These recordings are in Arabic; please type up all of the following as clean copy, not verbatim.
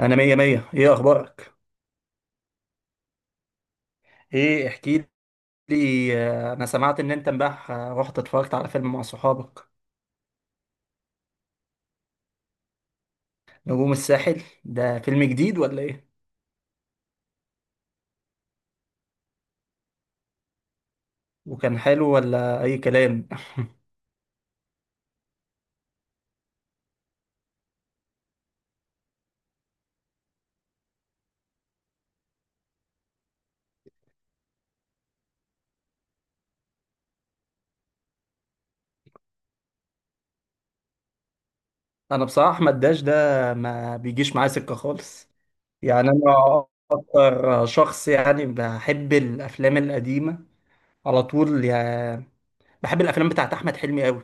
انا مية مية، ايه اخبارك؟ ايه، احكي لي. انا سمعت ان انت امبارح رحت اتفرجت على فيلم مع صحابك. نجوم الساحل ده فيلم جديد ولا ايه؟ وكان حلو ولا اي كلام؟ انا بصراحة احمد داش ده ما بيجيش معايا سكة خالص. يعني انا اكتر شخص، يعني، بحب الافلام القديمة على طول يعني. بحب الافلام بتاعت احمد حلمي قوي.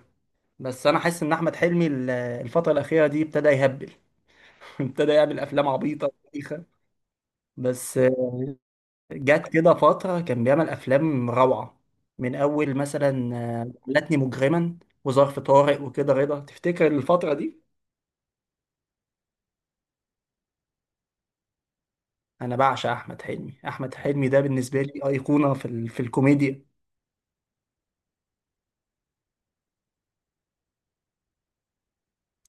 بس انا حاسس ان احمد حلمي الفترة الاخيرة دي ابتدى يهبل. ابتدى يعمل افلام عبيطة بايخة بس. جت كده فترة كان بيعمل أفلام روعة، من أول مثلا لاتني مجرما وظرف طارق وكده رضا، تفتكر الفترة دي؟ أنا بعشق أحمد حلمي. أحمد حلمي ده بالنسبة لي أيقونة في الكوميديا.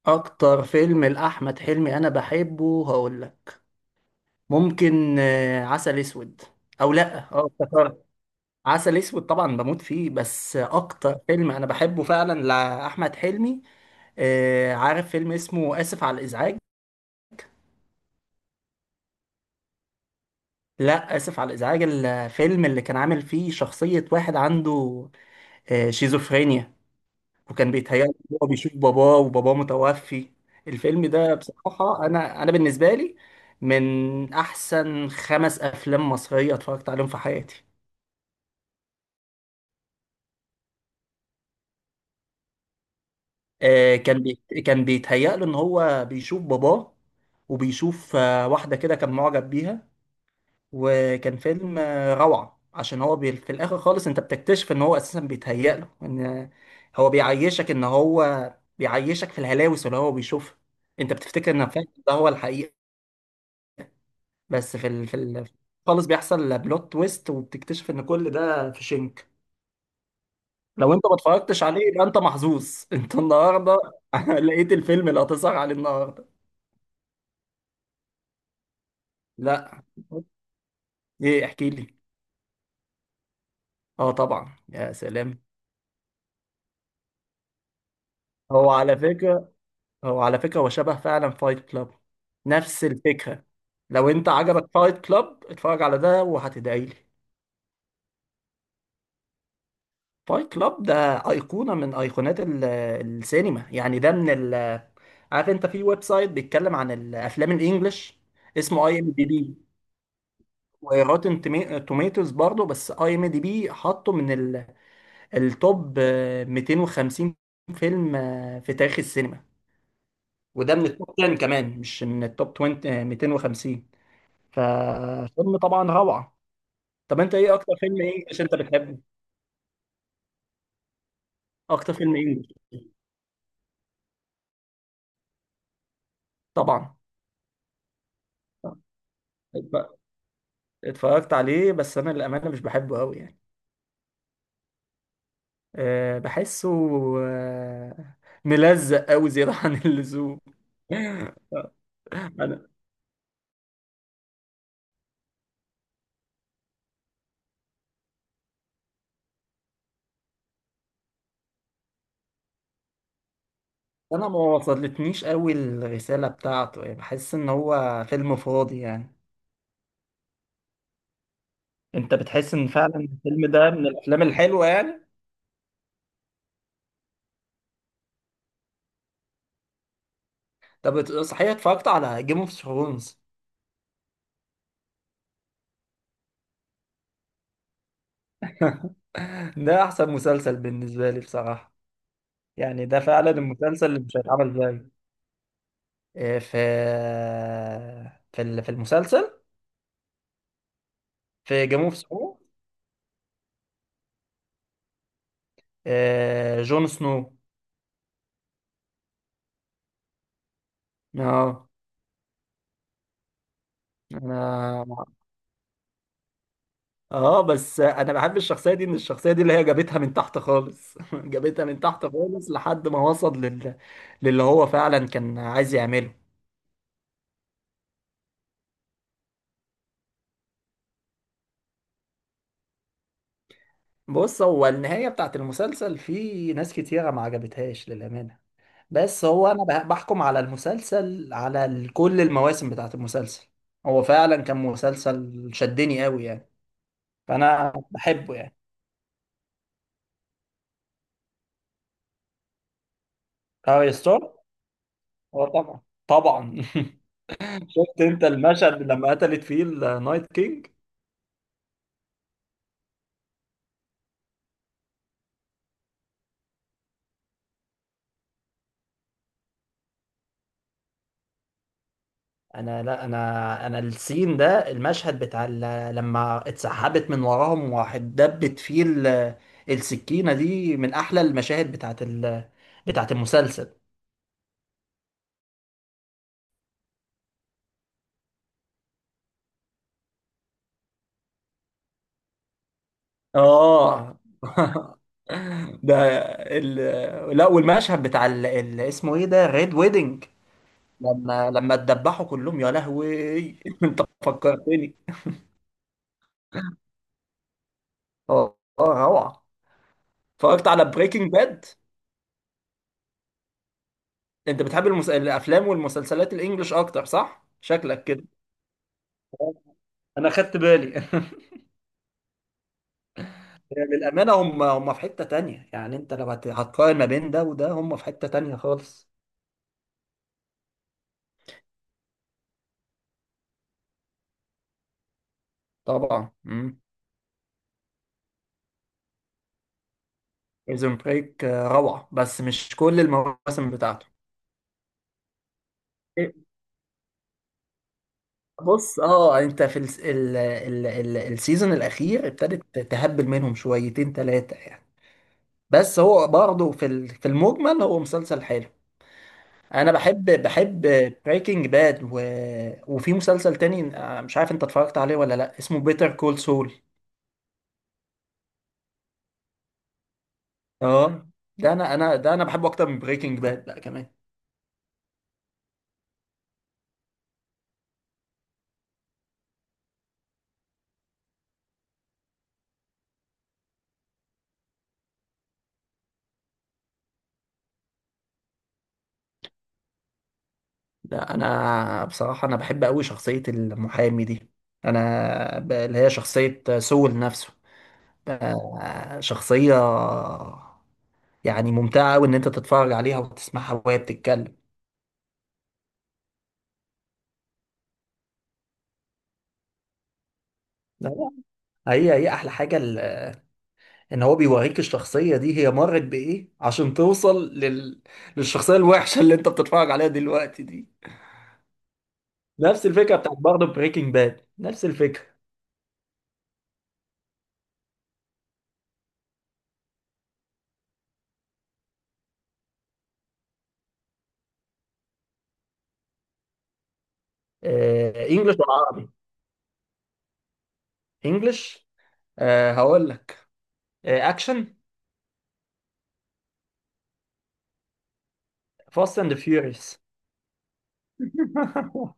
أكتر فيلم لأحمد حلمي أنا بحبه هقول لك. ممكن عسل أسود. أو لأ، أه افتكرت، عسل أسود طبعا بموت فيه. بس أكتر فيلم أنا بحبه فعلا لأحمد حلمي، عارف فيلم اسمه آسف على الإزعاج؟ لا، اسف على الازعاج الفيلم اللي كان عامل فيه شخصية واحد عنده شيزوفرينيا، وكان بيتهيأ له، هو بيشوف باباه وباباه متوفي. الفيلم ده بصراحة انا بالنسبة لي من احسن خمس افلام مصرية اتفرجت عليهم في حياتي. كان بيتهيأ له ان هو بيشوف باباه، وبيشوف واحدة كده كان معجب بيها. وكان فيلم روعة، عشان في الآخر خالص أنت بتكتشف إن هو أساسا بيتهيأ له إن هو بيعيشك في الهلاوس اللي هو بيشوفها. أنت بتفتكر إن فعلا ده هو الحقيقة. بس في ال... في ال... خالص بيحصل بلوت تويست وبتكتشف إن كل ده في شنك. لو أنت ما اتفرجتش عليه يبقى أنت محظوظ أنت النهاردة. لقيت الفيلم اللي هتسهر عليه النهاردة. لا، إيه، احكي لي. آه طبعا، يا سلام. هو على فكرة هو على فكرة هو شبه فعلا فايت كلاب، نفس الفكرة. لو انت عجبك فايت كلاب اتفرج على ده وهتدعي لي. فايت كلاب ده أيقونة من أيقونات السينما، يعني ده من ال. عارف انت في ويب سايت بيتكلم عن الأفلام الإنجليش؟ اسمه اي ام دي بي وروتن توميتوز برضه. بس اي ام دي بي حطه من التوب 250 فيلم في تاريخ السينما. وده من التوب 10 كمان، مش من التوب 20، 250. ففيلم طبعا روعة. طب انت ايه اكتر فيلم انجلش انت بتحبه؟ اكتر فيلم انجلش، طبعا. اتف- اتفرجت عليه بس انا للامانه مش بحبه قوي يعني. أه، بحسه. أه، ملزق قوي، زياده عن اللزوم. انا انا ما وصلتنيش قوي الرساله بتاعته، يعني بحس ان هو فيلم فاضي يعني. انت بتحس ان فعلا الفيلم ده من الافلام الحلوه يعني؟ طب صحيح، اتفرجت على جيم اوف ثرونز؟ ده احسن مسلسل بالنسبه لي بصراحه. يعني ده فعلا المسلسل اللي مش هيتعمل زيه. آه، في في المسلسل، في جيم اوف ثرونز، جون سنو. اه، انا، اه، بس انا بحب الشخصيه دي، ان الشخصيه دي اللي هي جابتها من تحت خالص. جابتها من تحت خالص لحد ما وصل للي هو فعلا كان عايز يعمله. بص، هو النهايه بتاعت المسلسل في ناس كتيره ما عجبتهاش للامانه. بس هو انا بحكم على المسلسل على كل المواسم بتاعت المسلسل. هو فعلا كان مسلسل شدني قوي يعني. فانا بحبه يعني. اه يستر. هو طبعا طبعا. شفت انت المشهد لما قتلت فيه النايت كينج؟ انا، لا، انا السين ده، المشهد بتاع لما اتسحبت من وراهم واحد دبت فيه السكينة دي، من احلى المشاهد بتاعت المسلسل. اه ده ال... لا، والمشهد بتاع اسمه ايه ده؟ ريد ويدنج، لما اتدبحوا كلهم، يا لهوي. فكرتني. اه اه روعه. اتفرجت على بريكنج باد. انت بتحب الافلام والمسلسلات الانجليش اكتر، صح؟ شكلك كده. انا خدت بالي. للامانه هم في حته تانية، يعني انت لو هتقارن ما بين ده وده هم في حته تانية خالص. طبعا. مم. بريزون بريك روعة بس مش كل المواسم بتاعته. بص، اه، انت في الس- ال ال ال السيزون الاخير ابتدت تهبل منهم شويتين ثلاثة يعني. بس هو برضه في المجمل هو مسلسل حلو. انا بحب بحب بريكنج باد و... وفي مسلسل تاني، مش عارف انت اتفرجت عليه ولا لا، اسمه بيتر كول سول. اه، ده انا بحبه اكتر من بريكنج باد بقى كمان. لا، انا بصراحه انا بحب قوي شخصيه المحامي دي، انا اللي هي شخصيه سول نفسه، شخصيه يعني ممتعه قوي ان انت تتفرج عليها وتسمعها وهي بتتكلم. لا، لا، هي احلى حاجه ان هو بيوريك الشخصيه دي هي مرت بايه عشان توصل للشخصيه الوحشه اللي انت بتتفرج عليها دلوقتي دي. نفس الفكره بتاعت برضه بريكنج باد، نفس الفكره. انجلش ولا عربي؟ انجلش. هقول لك. اكشن، فاست اند فيوريوس.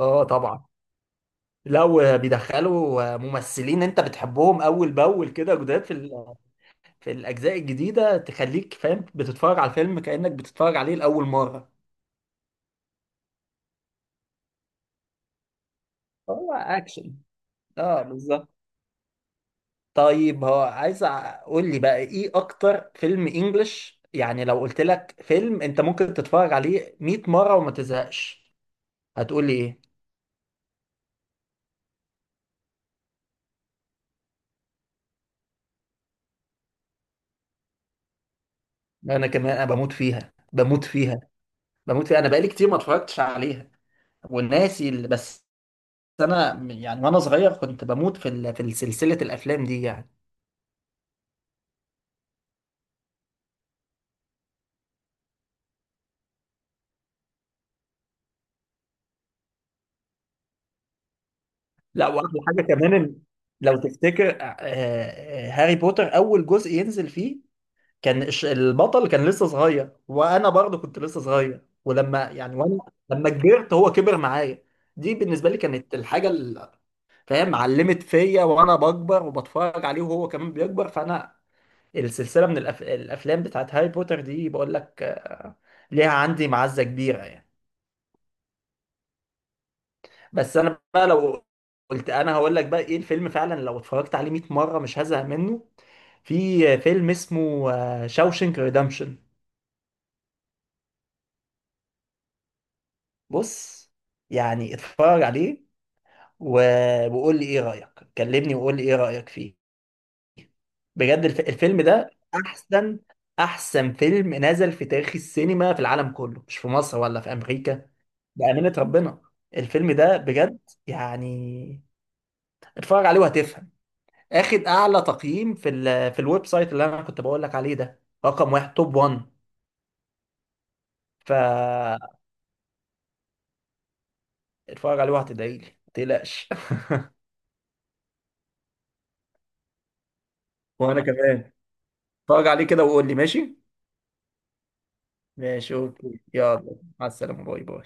اه طبعا، لو بيدخلوا ممثلين انت بتحبهم اول باول كده جداد في الاجزاء الجديده، تخليك فاهم بتتفرج على الفيلم كانك بتتفرج عليه لاول مره. هو اكشن. اه بالظبط. طيب هو عايز اقول لي بقى ايه اكتر فيلم انجلش، يعني لو قلت لك فيلم انت ممكن تتفرج عليه 100 مره وما تزهقش، هتقول لي ايه؟ انا كمان انا بموت فيها، بموت فيها، بموت فيها. انا بقالي كتير ما اتفرجتش عليها والناسي اللي بس. انا يعني وانا صغير كنت بموت في سلسله الافلام دي يعني. لا، واحلى حاجه كمان إن، لو تفتكر، هاري بوتر اول جزء ينزل فيه كان البطل كان لسه صغير، وانا برضه كنت لسه صغير، ولما يعني وانا لما كبرت هو كبر معايا. دي بالنسبه لي كانت الحاجه اللي، فاهم، علمت فيا وانا بكبر وبتفرج عليه وهو كمان بيكبر. فانا السلسلة من الأفلام بتاعت هاري بوتر دي، بقول لك، ليها عندي معزة كبيرة يعني. بس أنا بقى لو قلت، أنا هقول لك بقى إيه الفيلم فعلا لو اتفرجت عليه 100 مرة مش هزهق منه. في فيلم اسمه شاوشنك ريدمشن. بص، يعني اتفرج عليه و... وقول لي إيه رأيك، كلمني وقول لي إيه رأيك فيه. بجد الفيلم ده أحسن أحسن فيلم نزل في تاريخ السينما في العالم كله، مش في مصر ولا في أمريكا. بأمانة ربنا الفيلم ده، بجد يعني، اتفرج عليه وهتفهم. اخد اعلى تقييم في الويب سايت اللي انا كنت بقول لك عليه، ده رقم واحد، توب 1. فاتفرج عليه وهتدعي لي، ما تقلقش. وانا كمان. اتفرج عليه كده وقول لي ماشي. ماشي اوكي، يلا، مع السلامة، باي باي.